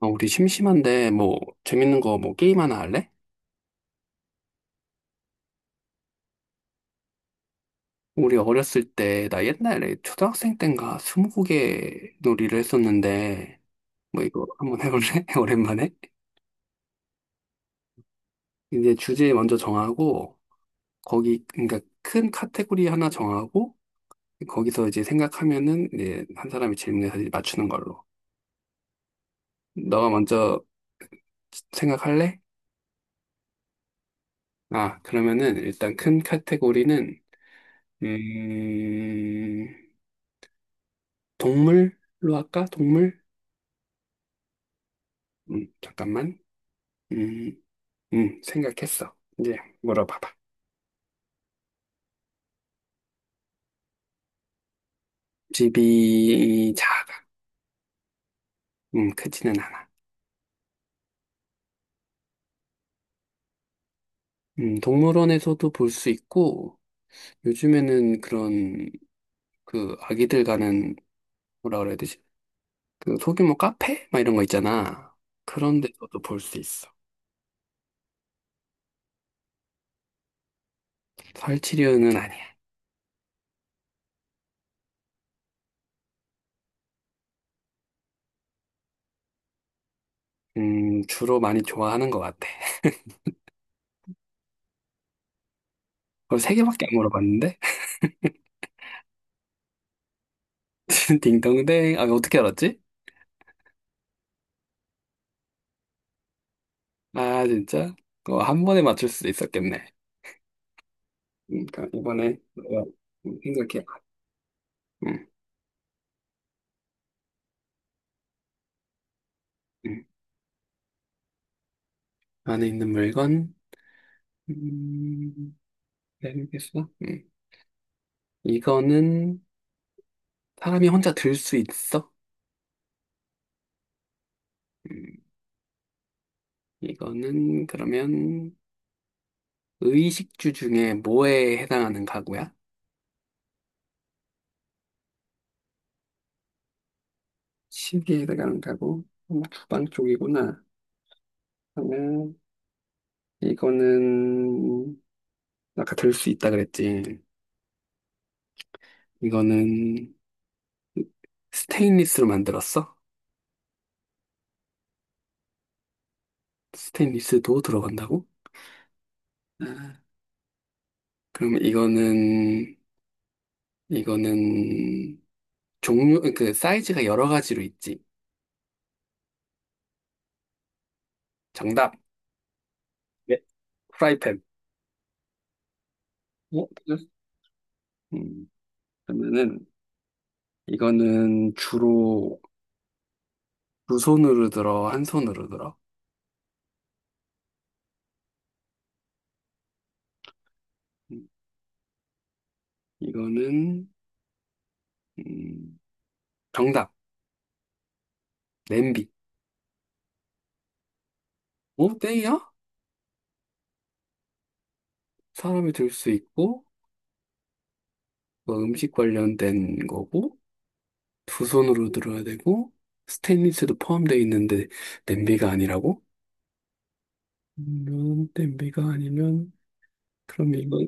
우리 심심한데 뭐 재밌는 거 뭐 게임 하나 할래? 우리 어렸을 때 나 옛날에 초등학생 땐가 스무고개 놀이를 했었는데 뭐 이거 한번 해볼래? 오랜만에? 이제 주제 먼저 정하고 거기 그러니까 큰 카테고리 하나 정하고 거기서 이제 생각하면은 이제 한 사람이 질문해서 이제 맞추는 걸로. 너가 먼저 생각할래? 아, 그러면은 일단 큰 카테고리는 음 동물로 할까? 동물? 잠깐만. 음, 생각했어. 이제 물어봐봐. 집이 작아. 크지는 않아. 동물원에서도 볼 수 있고, 요즘에는 그런, 그, 아기들 가는, 뭐라 그래야 되지? 그, 소규모 카페? 막 이런 거 있잖아. 그런 데서도 볼 수 있어. 설치류는 아니야. 주로 많이 좋아하는 것 같아. 그걸 세 개밖에 안 물어봤는데? 딩동댕. 아, 어떻게 알았지? 아, 진짜? 어, 한 번에 맞출 수 있었겠네. 그러니까 이번에 너가 생각해봐. 응, 응. 안에 있는 물건, 음, 모르겠어. 응. 이거는 사람이 혼자 들 수 있어? 음, 이거는 그러면 의식주 중에 뭐에 해당하는 가구야? 시계에 해당하는 가구? 주방 쪽이구나. 그러면 이거는 아까 들 수 있다 그랬지. 이거는 스테인리스로 만들었어? 스테인리스도 들어간다고? 아, 그럼 이거는, 이거는 종류, 그 사이즈가 여러 가지로 있지. 정답. 네. 프라이팬. 어? 틀렸어? 음, 그러면은 이거는 주로 두 손으로 들어, 한 손으로 들어. 음, 이거는 음, 정답. 냄비. 어? 땡이야? 사람이 들 수 있고 뭐 음식 관련된 거고 두 손으로 들어야 되고 스테인리스도 포함되어 있는데 냄비가 아니라고? 냄비가 아니면 그럼 이거,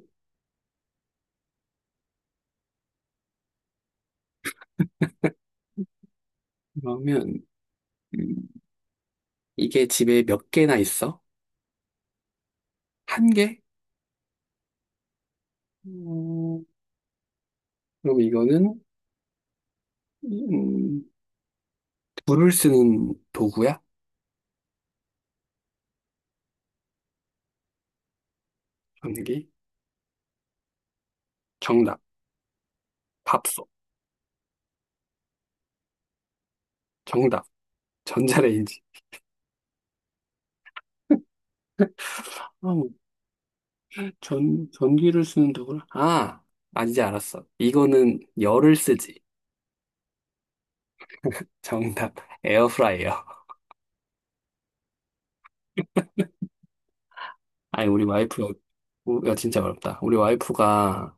그러면, 음, 이게 집에 몇 개나 있어? 한 개? 음, 그럼 이거는, 음, 불을 쓰는 도구야? 전기? 정답. 밥솥. 정답. 전자레인지. 아, 뭐, 전기를 쓰는 도구라? 아, 아, 이제 알았어. 이거는 열을 쓰지. 정답. 에어프라이어. 아니, 우리 와이프, 어, 야, 진짜 어렵다. 우리 와이프가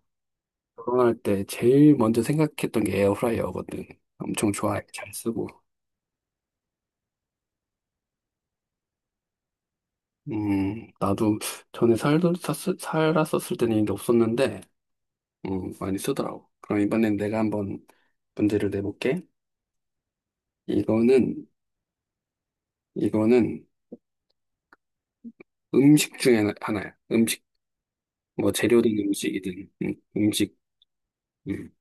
결혼할 때 제일 먼저 생각했던 게 에어프라이어거든. 엄청 좋아해. 잘 쓰고. 나도 전에 살았었을 때는 이게 없었는데, 많이 쓰더라고. 그럼 이번엔 내가 한번 문제를 내볼게. 이거는, 이거는 음식 중에 하나야. 음식, 뭐 재료든 음식이든, 음식. 음.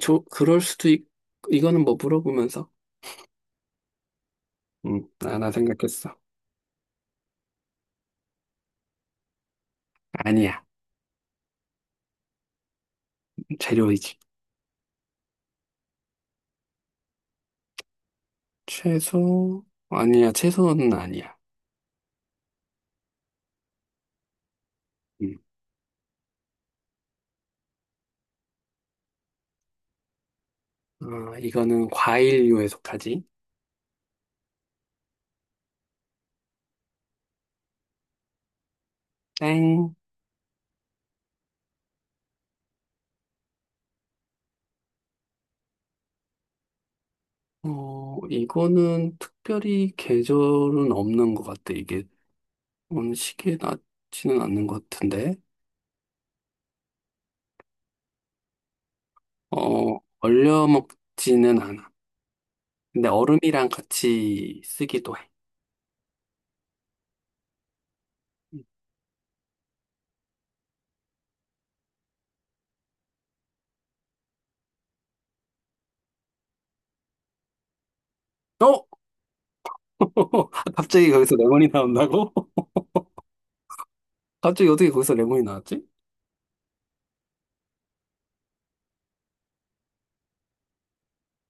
저, 그럴 수도 있, 이거는 뭐 물어보면서, 하나 생각했어. 아니야. 재료이지. 채소, 아니야. 채소는 아니야. 음. 아, 이거는 과일류에 속하지. 땡. 어, 이거는 특별히 계절은 없는 것 같아. 이게 음식에 닿지는 않는 것 같은데. 어, 얼려 먹지는 않아. 근데 얼음이랑 같이 쓰기도 해. 어? 갑자기 거기서 레몬이 나온다고? 갑자기 어떻게 거기서 레몬이 나왔지?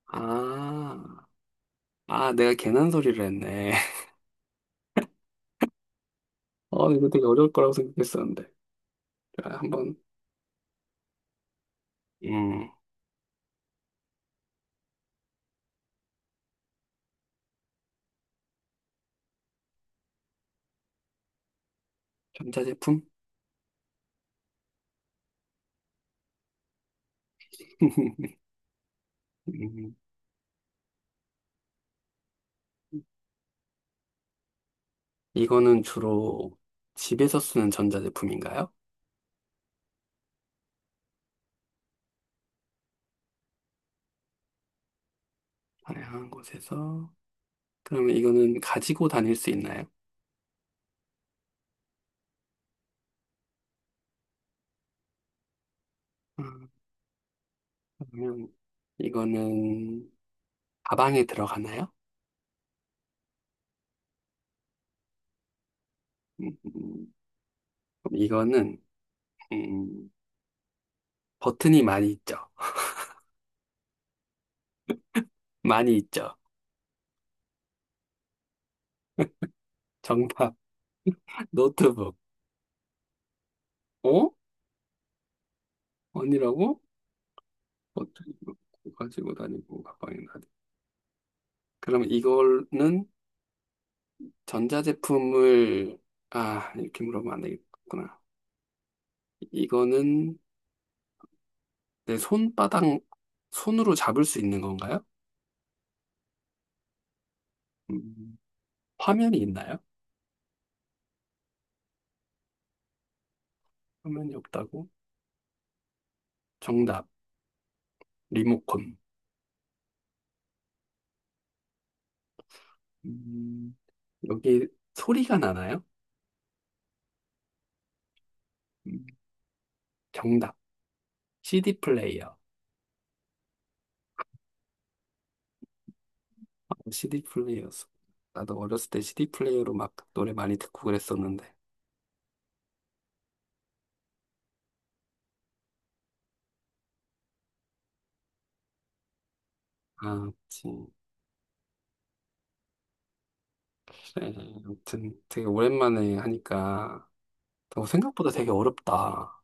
아, 아, 내가 괜한 소리를 했네. 어, 이거 되게 어려울 거라고 생각했었는데. 자, 한번, 음, 전자제품? 음, 이거는 주로 집에서 쓰는 전자제품인가요? 다양한 곳에서. 그러면 이거는 가지고 다닐 수 있나요? 음, 그러면 이거는 가방에 들어가나요? 음, 음, 그럼 이거는 음, 버튼이 많이 있죠. 많이 있죠. 정답 노트북. 어? 아니라고? 버튼이 없고 가지고 다니고 가방에 다니. 그러면 이거는 전자제품을 아 이렇게 물어보면 안 되겠구나. 이거는 내 손바닥, 손으로 잡을 수 있는 건가요? 음, 화면이 있나요? 화면이 없다고? 정답, 리모컨. 음, 여기 소리가 나나요? 음, 정답, CD 플레이어. 아, CD 플레이어였어. 나도 어렸을 때 CD 플레이어로 막 노래 많이 듣고 그랬었는데. 아, 그치. 그래, 아무튼 되게 오랜만에 하니까 어, 생각보다 되게 어렵다.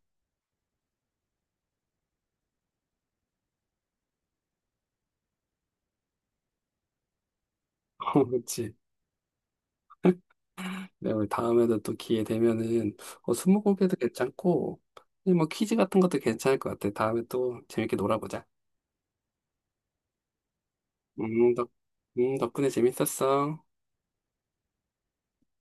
그치. 네, 우리 다음에도 또 기회 되면은 어, 스무고개도 괜찮고 뭐 퀴즈 같은 것도 괜찮을 것 같아. 다음에 또 재밌게 놀아보자. 음, 덕, 덕분에 재밌었어.